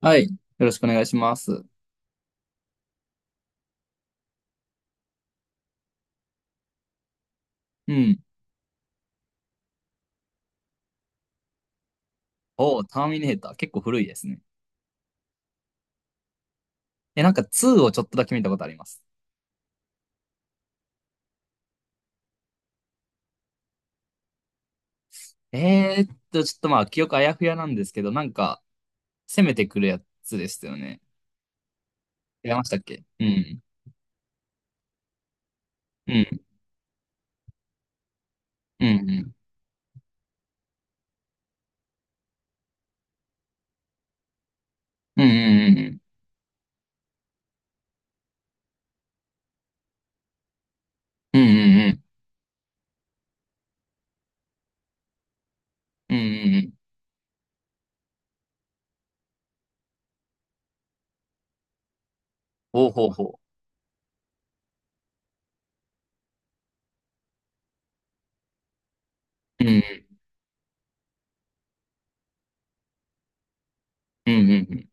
はい。よろしくお願いします。うん。おーターミネーター。結構古いですね。え、なんか2をちょっとだけ見たことあります。ちょっと記憶あやふやなんですけど、攻めてくるやつですよね。違いましたっけ。うん。うん。うん。うん。うん。うん。うん。うん。うん。うん。うんほうほうほう。うん。うん。うん。うん。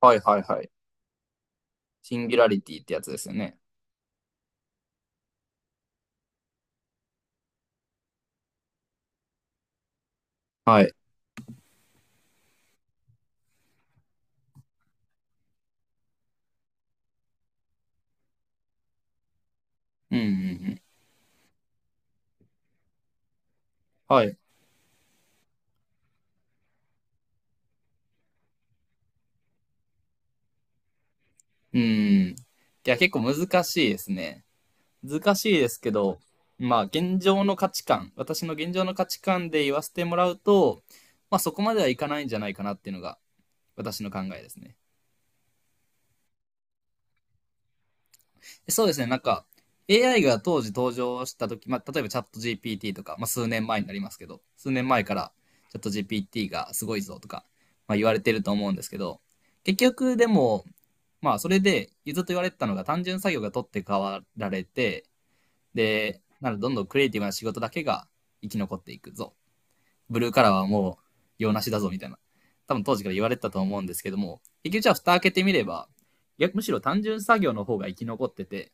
はいはいはい。シンギュラリティってやつですよね。はい。うん。うん。うん。はい。うん。いや、結構難しいですね。難しいですけど、まあ現状の価値観、私の現状の価値観で言わせてもらうと、まあそこまではいかないんじゃないかなっていうのが私の考えですね。そうですね、なんか AI が当時登場した時、まあ例えばチャット GPT とか、まあ数年前になりますけど、数年前からチャット GPT がすごいぞとか、まあ言われてると思うんですけど、結局でも、まあそれでずっと言われてたのが単純作業が取って代わられて、で、なのでどんどんクリエイティブな仕事だけが生き残っていくぞ、ブルーカラーはもう用なしだぞみたいな、多分当時から言われてたと思うんですけども、結局じゃあ蓋開けてみれば、逆むしろ単純作業の方が生き残ってて、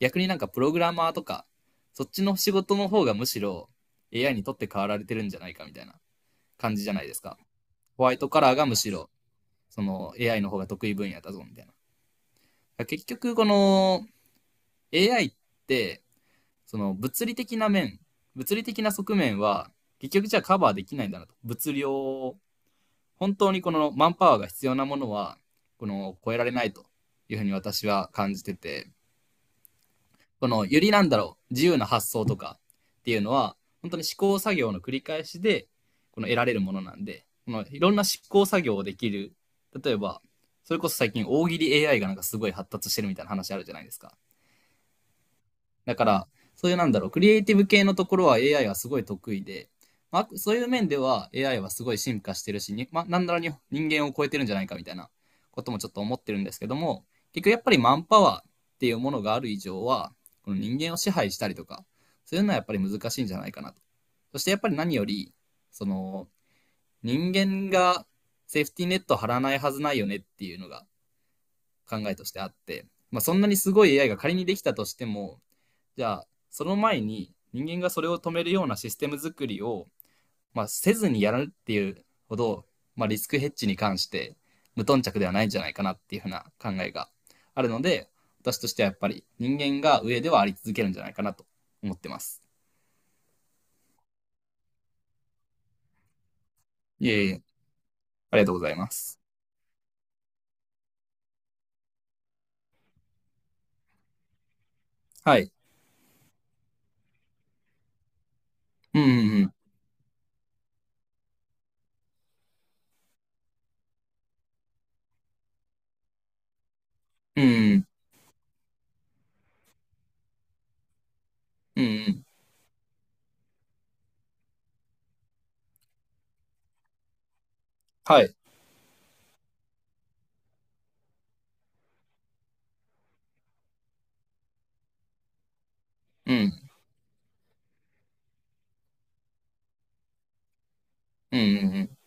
逆になんかプログラマーとか、そっちの仕事の方がむしろ AI にとって変わられてるんじゃないかみたいな感じじゃないですか。ホワイトカラーがむしろその AI の方が得意分野だぞみたいな。結局この AI ってその物理的な面、物理的な側面は結局じゃあカバーできないんだなと。物量、本当にこのマンパワーが必要なものは、この超えられないというふうに私は感じてて、このよりなんだろう、自由な発想とかっていうのは、本当に試行作業の繰り返しで、この得られるものなんで、このいろんな試行作業をできる、例えば、それこそ最近大喜利 AI がなんかすごい発達してるみたいな話あるじゃないですか。だから、そういうなんだろう、クリエイティブ系のところは AI はすごい得意で、まあ、そういう面では AI はすごい進化してるし、にまあ、なんだろうに人間を超えてるんじゃないかみたいなこともちょっと思ってるんですけども、結局やっぱりマンパワーっていうものがある以上は、この人間を支配したりとか、そういうのはやっぱり難しいんじゃないかなと。そしてやっぱり何より、その、人間がセーフティーネット張らないはずないよねっていうのが考えとしてあって、まあ、そんなにすごい AI が仮にできたとしても、じゃあ、その前に人間がそれを止めるようなシステム作りを、まあ、せずにやるっていうほど、まあ、リスクヘッジに関して無頓着ではないんじゃないかなっていうふうな考えがあるので、私としてはやっぱり人間が上ではあり続けるんじゃないかなと思ってます。いえいえ、ありがとうございます。はい。うんうんうん。うんうん。うんうん。はい。うん。うんうんうん。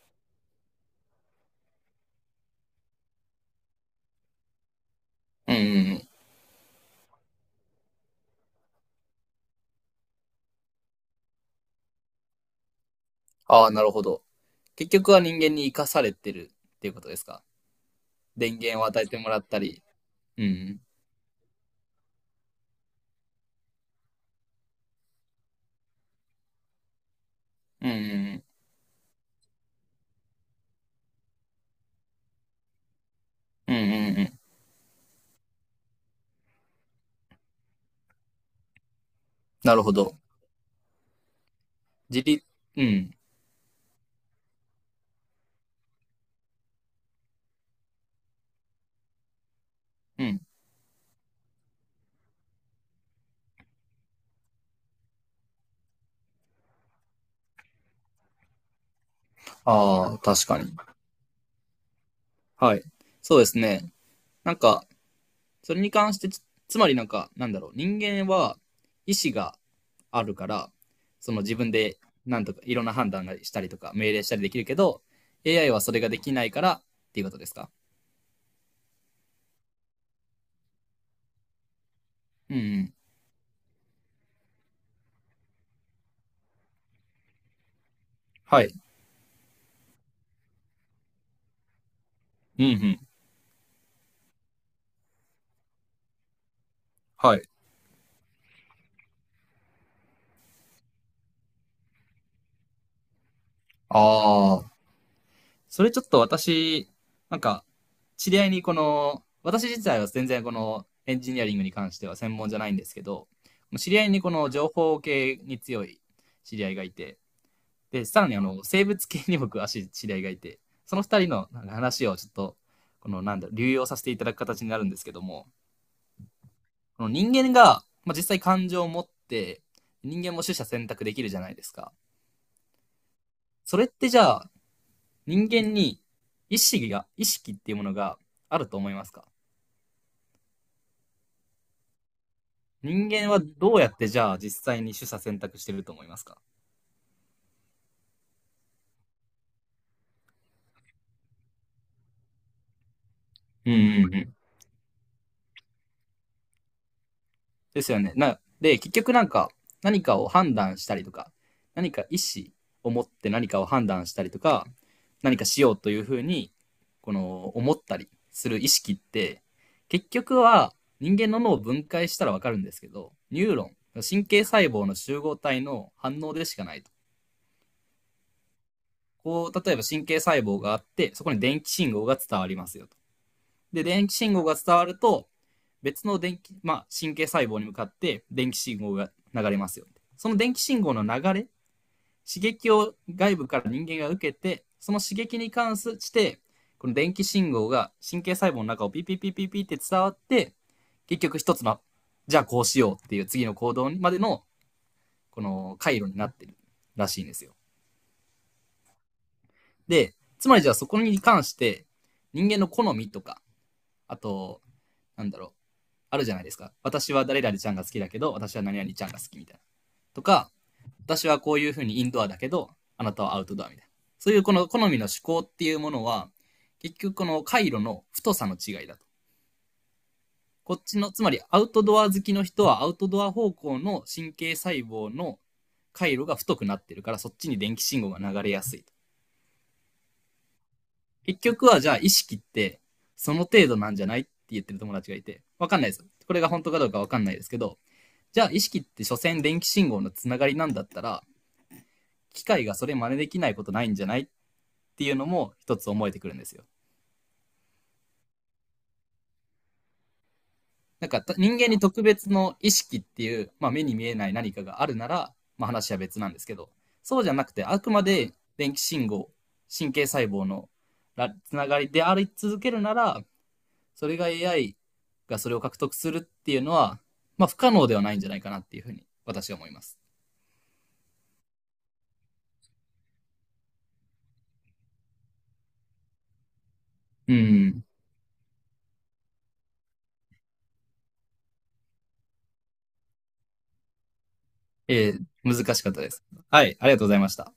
はい。うんうんうん。ああ、なるほど。結局は人間に生かされてるっていうことですか。電源を与えてもらったり。うんうんうんうん。うんうんうん。なるほど。自立、うん。うん。ああ、確かに。はい。そうですね。なんか、それに関してつ、つまりなんか、なんだろう、人間は意志があるから、その自分でなんとかいろんな判断がしたりとか、命令したりできるけど、AI はそれができないからっていうことですか。うんうん。はい。うんうん。はい。ああ、それちょっと私、なんか、知り合いにこの、私自体は全然このエンジニアリングに関しては専門じゃないんですけど、知り合いにこの情報系に強い知り合いがいて、で、さらにあの、生物系に僕、足、知り合いがいて、その二人の話をちょっと、この、なんだ、流用させていただく形になるんですけども、この人間が、まあ、実際感情を持って、人間も取捨選択できるじゃないですか。それってじゃあ、人間に意識が、意識っていうものがあると思いますか？人間はどうやってじゃあ実際に取捨選択してると思いますか？うんうんうん。ですよね。な、で、結局なんか何かを判断したりとか、何か意思を持って何かを判断したりとか、何かしようというふうに、この思ったりする意識って、結局は人間の脳を分解したらわかるんですけど、ニューロン、神経細胞の集合体の反応でしかないと。こう、例えば神経細胞があって、そこに電気信号が伝わりますよと。で、電気信号が伝わると、別の電気、まあ、神経細胞に向かって電気信号が流れますよ。その電気信号の流れ、刺激を外部から人間が受けて、その刺激に関して、この電気信号が神経細胞の中をピピピピピって伝わって、結局一つの、じゃあこうしようっていう次の行動までの、この回路になってるらしいんですよ。で、つまりじゃあそこに関して、人間の好みとか、あと、なんだろう、あるじゃないですか。私は誰々ちゃんが好きだけど、私は何々ちゃんが好きみたいな。とか、私はこういうふうにインドアだけど、あなたはアウトドアみたいな。そういうこの好みの思考っていうものは、結局この回路の太さの違いだと。こっちの、つまりアウトドア好きの人はアウトドア方向の神経細胞の回路が太くなってるから、そっちに電気信号が流れやすい。結局はじゃあ意識ってその程度なんじゃないって言ってる友達がいて、わかんないです。これが本当かどうかわかんないですけど、じゃあ意識って所詮電気信号のつながりなんだったら、機械がそれ真似できないことないんじゃないっていうのも一つ思えてくるんですよ。なんか人間に特別の意識っていう、まあ、目に見えない何かがあるなら、まあ、話は別なんですけど、そうじゃなくてあくまで電気信号、神経細胞のつながりであり続けるなら、それが AI がそれを獲得するっていうのは、まあ不可能ではないんじゃないかなっていうふうに私は思います。うん。えー難しかったです。はい、ありがとうございました。